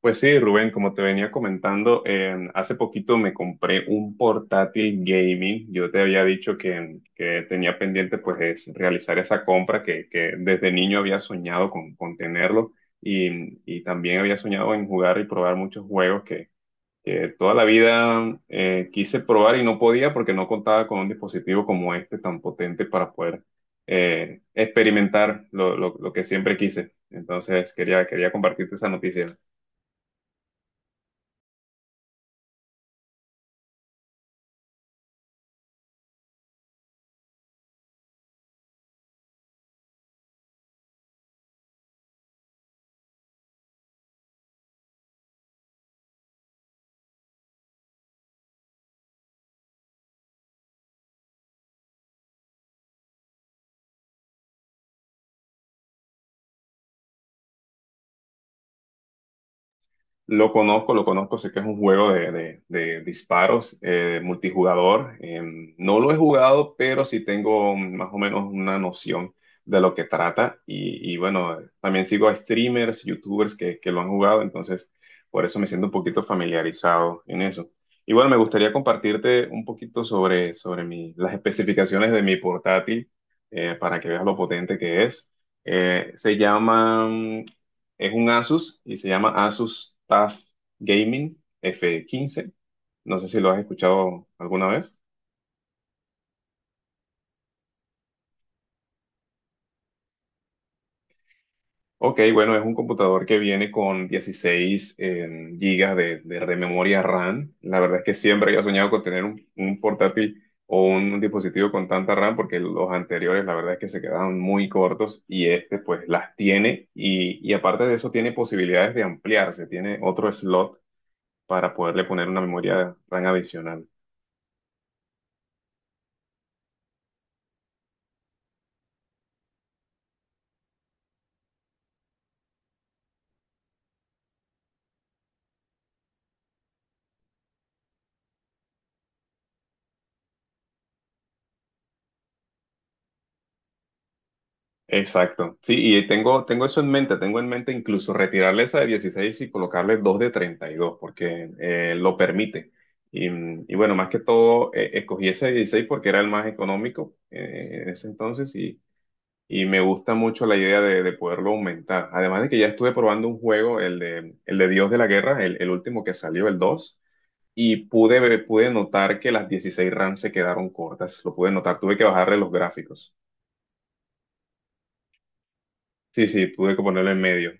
Pues sí, Rubén, como te venía comentando, hace poquito me compré un portátil gaming. Yo te había dicho que tenía pendiente pues es realizar esa compra que desde niño había soñado con tenerlo y también había soñado en jugar y probar muchos juegos que toda la vida quise probar y no podía porque no contaba con un dispositivo como este tan potente para poder experimentar lo que siempre quise. Entonces quería compartirte esa noticia. Lo conozco, sé que es un juego de disparos multijugador. No lo he jugado, pero sí tengo más o menos una noción de lo que trata. Y bueno, también sigo a streamers, youtubers que lo han jugado, entonces por eso me siento un poquito familiarizado en eso. Y bueno, me gustaría compartirte un poquito sobre las especificaciones de mi portátil para que veas lo potente que es. Se llama Es un Asus y se llama Asus TUF Gaming F15. No sé si lo has escuchado alguna vez. Ok, bueno, es un computador que viene con 16 gigas de memoria RAM. La verdad es que siempre había soñado con tener un portátil o un dispositivo con tanta RAM porque los anteriores la verdad es que se quedaban muy cortos y este pues las tiene y aparte de eso tiene posibilidades de ampliarse, tiene otro slot para poderle poner una memoria RAM adicional. Exacto. Sí, y tengo eso en mente, tengo en mente incluso retirarle esa de 16 y colocarle dos de 32, porque lo permite. Y, y bueno, más que todo, escogí ese de 16 porque era el más económico en ese entonces y me gusta mucho la idea de poderlo aumentar. Además de que ya estuve probando un juego, el de Dios de la Guerra, el último que salió, el 2 y pude notar que las 16 RAM se quedaron cortas, lo pude notar, tuve que bajarle los gráficos. Sí, sí, tuve que ponerlo en medio.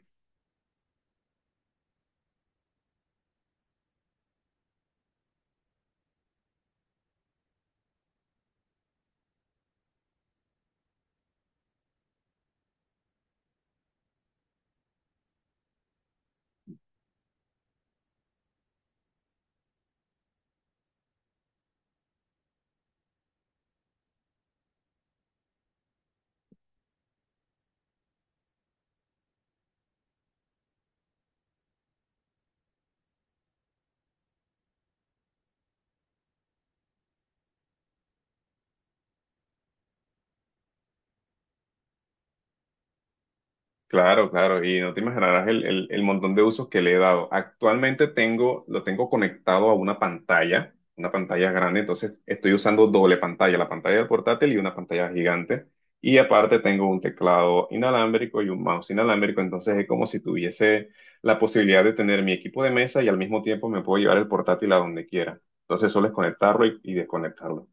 Claro, claro, y no te imaginarás el montón de usos que le he dado. Actualmente lo tengo conectado a una pantalla grande, entonces estoy usando doble pantalla, la pantalla del portátil y una pantalla gigante. Y aparte tengo un teclado inalámbrico y un mouse inalámbrico, entonces es como si tuviese la posibilidad de tener mi equipo de mesa y al mismo tiempo me puedo llevar el portátil a donde quiera. Entonces solo es conectarlo y desconectarlo.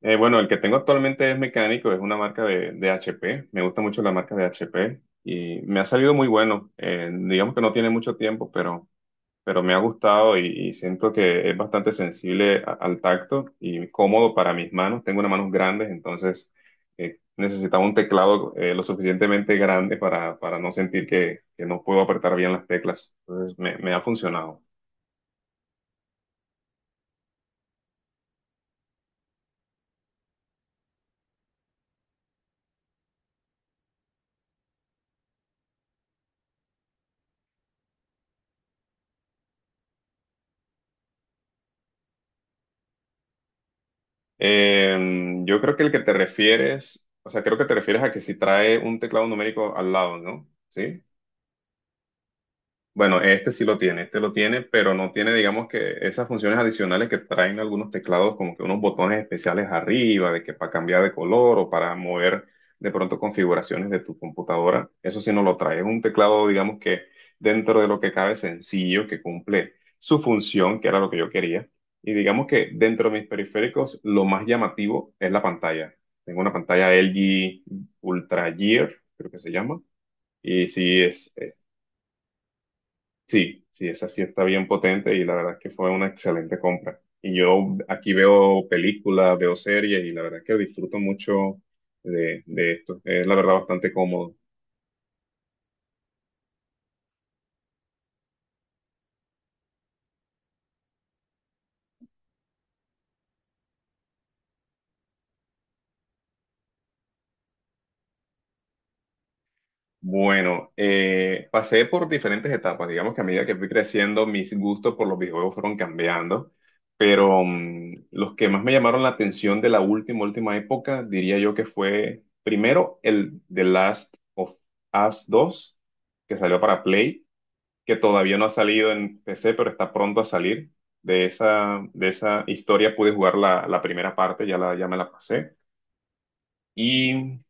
Bueno, el que tengo actualmente es mecánico, es una marca de HP. Me gusta mucho la marca de HP y me ha salido muy bueno. Digamos que no tiene mucho tiempo, pero me ha gustado y siento que es bastante sensible al tacto y cómodo para mis manos. Tengo unas manos grandes, entonces necesitaba un teclado lo suficientemente grande para no sentir que no puedo apretar bien las teclas. Entonces me ha funcionado. Yo creo que el que te refieres, o sea, creo que te refieres a que si trae un teclado numérico al lado, ¿no? ¿Sí? Bueno, este sí lo tiene, este lo tiene, pero no tiene, digamos que esas funciones adicionales que traen algunos teclados, como que unos botones especiales arriba, de que para cambiar de color o para mover de pronto configuraciones de tu computadora. Eso sí no lo trae. Es un teclado, digamos que dentro de lo que cabe sencillo, que cumple su función, que era lo que yo quería. Y digamos que dentro de mis periféricos, lo más llamativo es la pantalla. Tengo una pantalla LG Ultra Gear, creo que se llama. Y sí, es Sí, sí, esa sí está bien potente y la verdad es que fue una excelente compra. Y yo aquí veo películas, veo series y la verdad es que disfruto mucho de esto. Es la verdad bastante cómodo. Bueno, pasé por diferentes etapas. Digamos que a medida que fui creciendo, mis gustos por los videojuegos fueron cambiando. Pero los que más me llamaron la atención de la última época, diría yo que fue primero el The Last of Us 2, que salió para Play, que todavía no ha salido en PC, pero está pronto a salir. De esa historia pude jugar la primera parte, ya, ya me la pasé. Y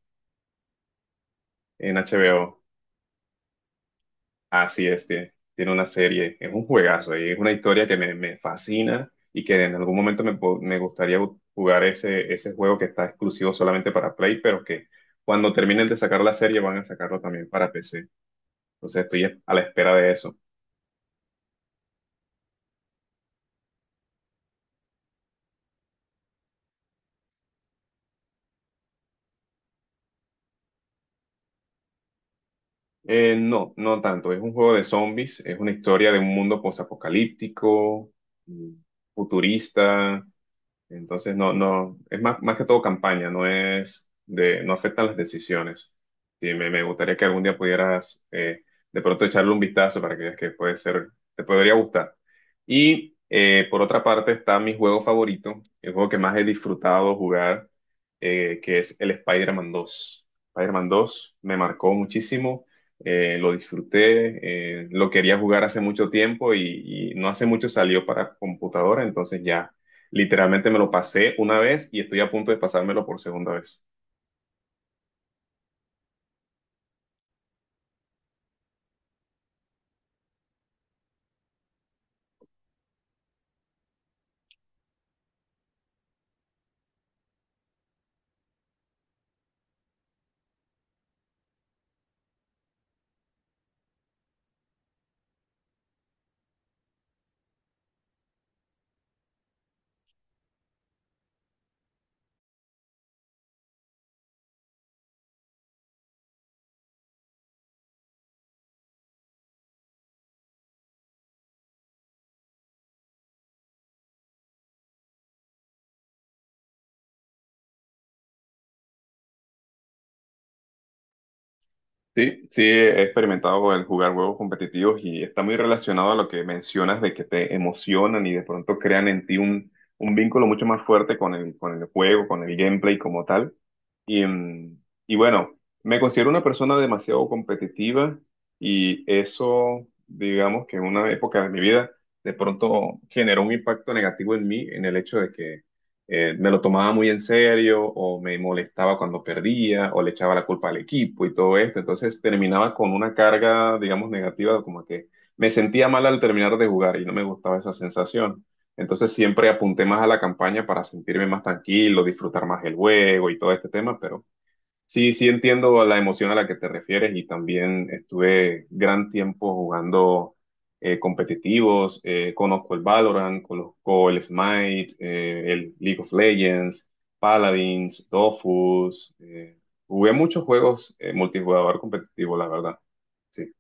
en HBO, así es, tiene una serie, es un juegazo y es una historia que me fascina y que en algún momento me gustaría jugar ese juego que está exclusivo solamente para Play, pero que cuando terminen de sacar la serie van a sacarlo también para PC. Entonces estoy a la espera de eso. No, no tanto. Es un juego de zombies, es una historia de un mundo posapocalíptico, mm, futurista. Entonces, no, no, es más, más que todo campaña, no es de, no afectan las decisiones. Sí, me gustaría que algún día pudieras de pronto echarle un vistazo para que veas que puede ser, te podría gustar. Y por otra parte está mi juego favorito, el juego que más he disfrutado jugar, que es el Spider-Man 2. Spider-Man 2 me marcó muchísimo, lo disfruté, lo quería jugar hace mucho tiempo y no hace mucho salió para computadora, entonces ya. Literalmente me lo pasé una vez y estoy a punto de pasármelo por segunda vez. Sí, sí, he experimentado el jugar juegos competitivos y está muy relacionado a lo que mencionas de que te emocionan y de pronto crean en ti un vínculo mucho más fuerte con con el juego, con el gameplay como tal. Y, y bueno, me considero una persona demasiado competitiva y eso, digamos que en una época de mi vida, de pronto generó un impacto negativo en mí, en el hecho de que me lo tomaba muy en serio o me molestaba cuando perdía o le echaba la culpa al equipo y todo esto. Entonces terminaba con una carga, digamos, negativa, como que me sentía mal al terminar de jugar y no me gustaba esa sensación. Entonces siempre apunté más a la campaña para sentirme más tranquilo, disfrutar más el juego y todo este tema, pero sí, sí entiendo la emoción a la que te refieres y también estuve gran tiempo jugando competitivos, conozco el Valorant, conozco el Smite, el League of Legends, Paladins, Dofus, jugué muchos juegos multijugador competitivo, la verdad. Sí.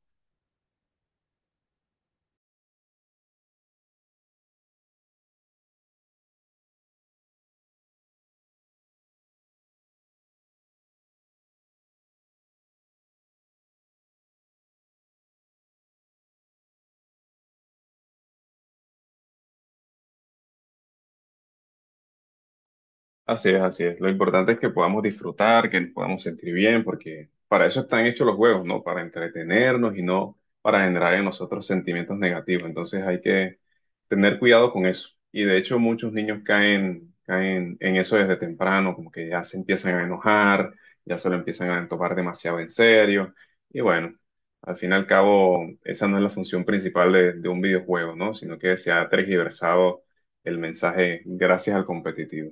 Así es, así es. Lo importante es que podamos disfrutar, que nos podamos sentir bien, porque para eso están hechos los juegos, ¿no? Para entretenernos y no para generar en nosotros sentimientos negativos. Entonces hay que tener cuidado con eso. Y de hecho muchos niños caen en eso desde temprano, como que ya se empiezan a enojar, ya se lo empiezan a tomar demasiado en serio. Y bueno, al fin y al cabo, esa no es la función principal de un videojuego, ¿no? Sino que se ha tergiversado el mensaje gracias al competitivo.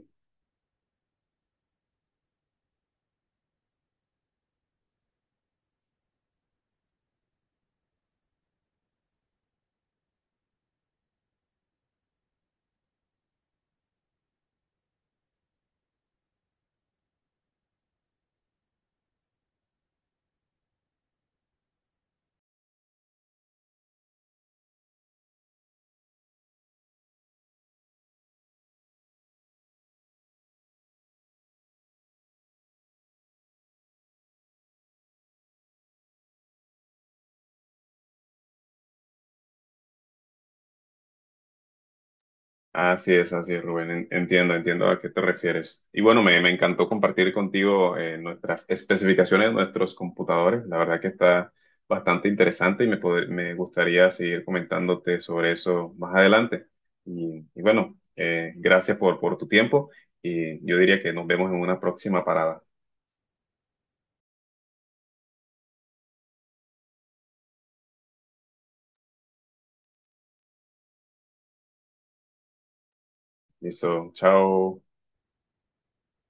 Así es, Rubén. Entiendo, entiendo a qué te refieres. Y bueno, me encantó compartir contigo nuestras especificaciones de nuestros computadores. La verdad que está bastante interesante y me gustaría seguir comentándote sobre eso más adelante. Y bueno, gracias por tu tiempo y yo diría que nos vemos en una próxima parada. Listo, chao.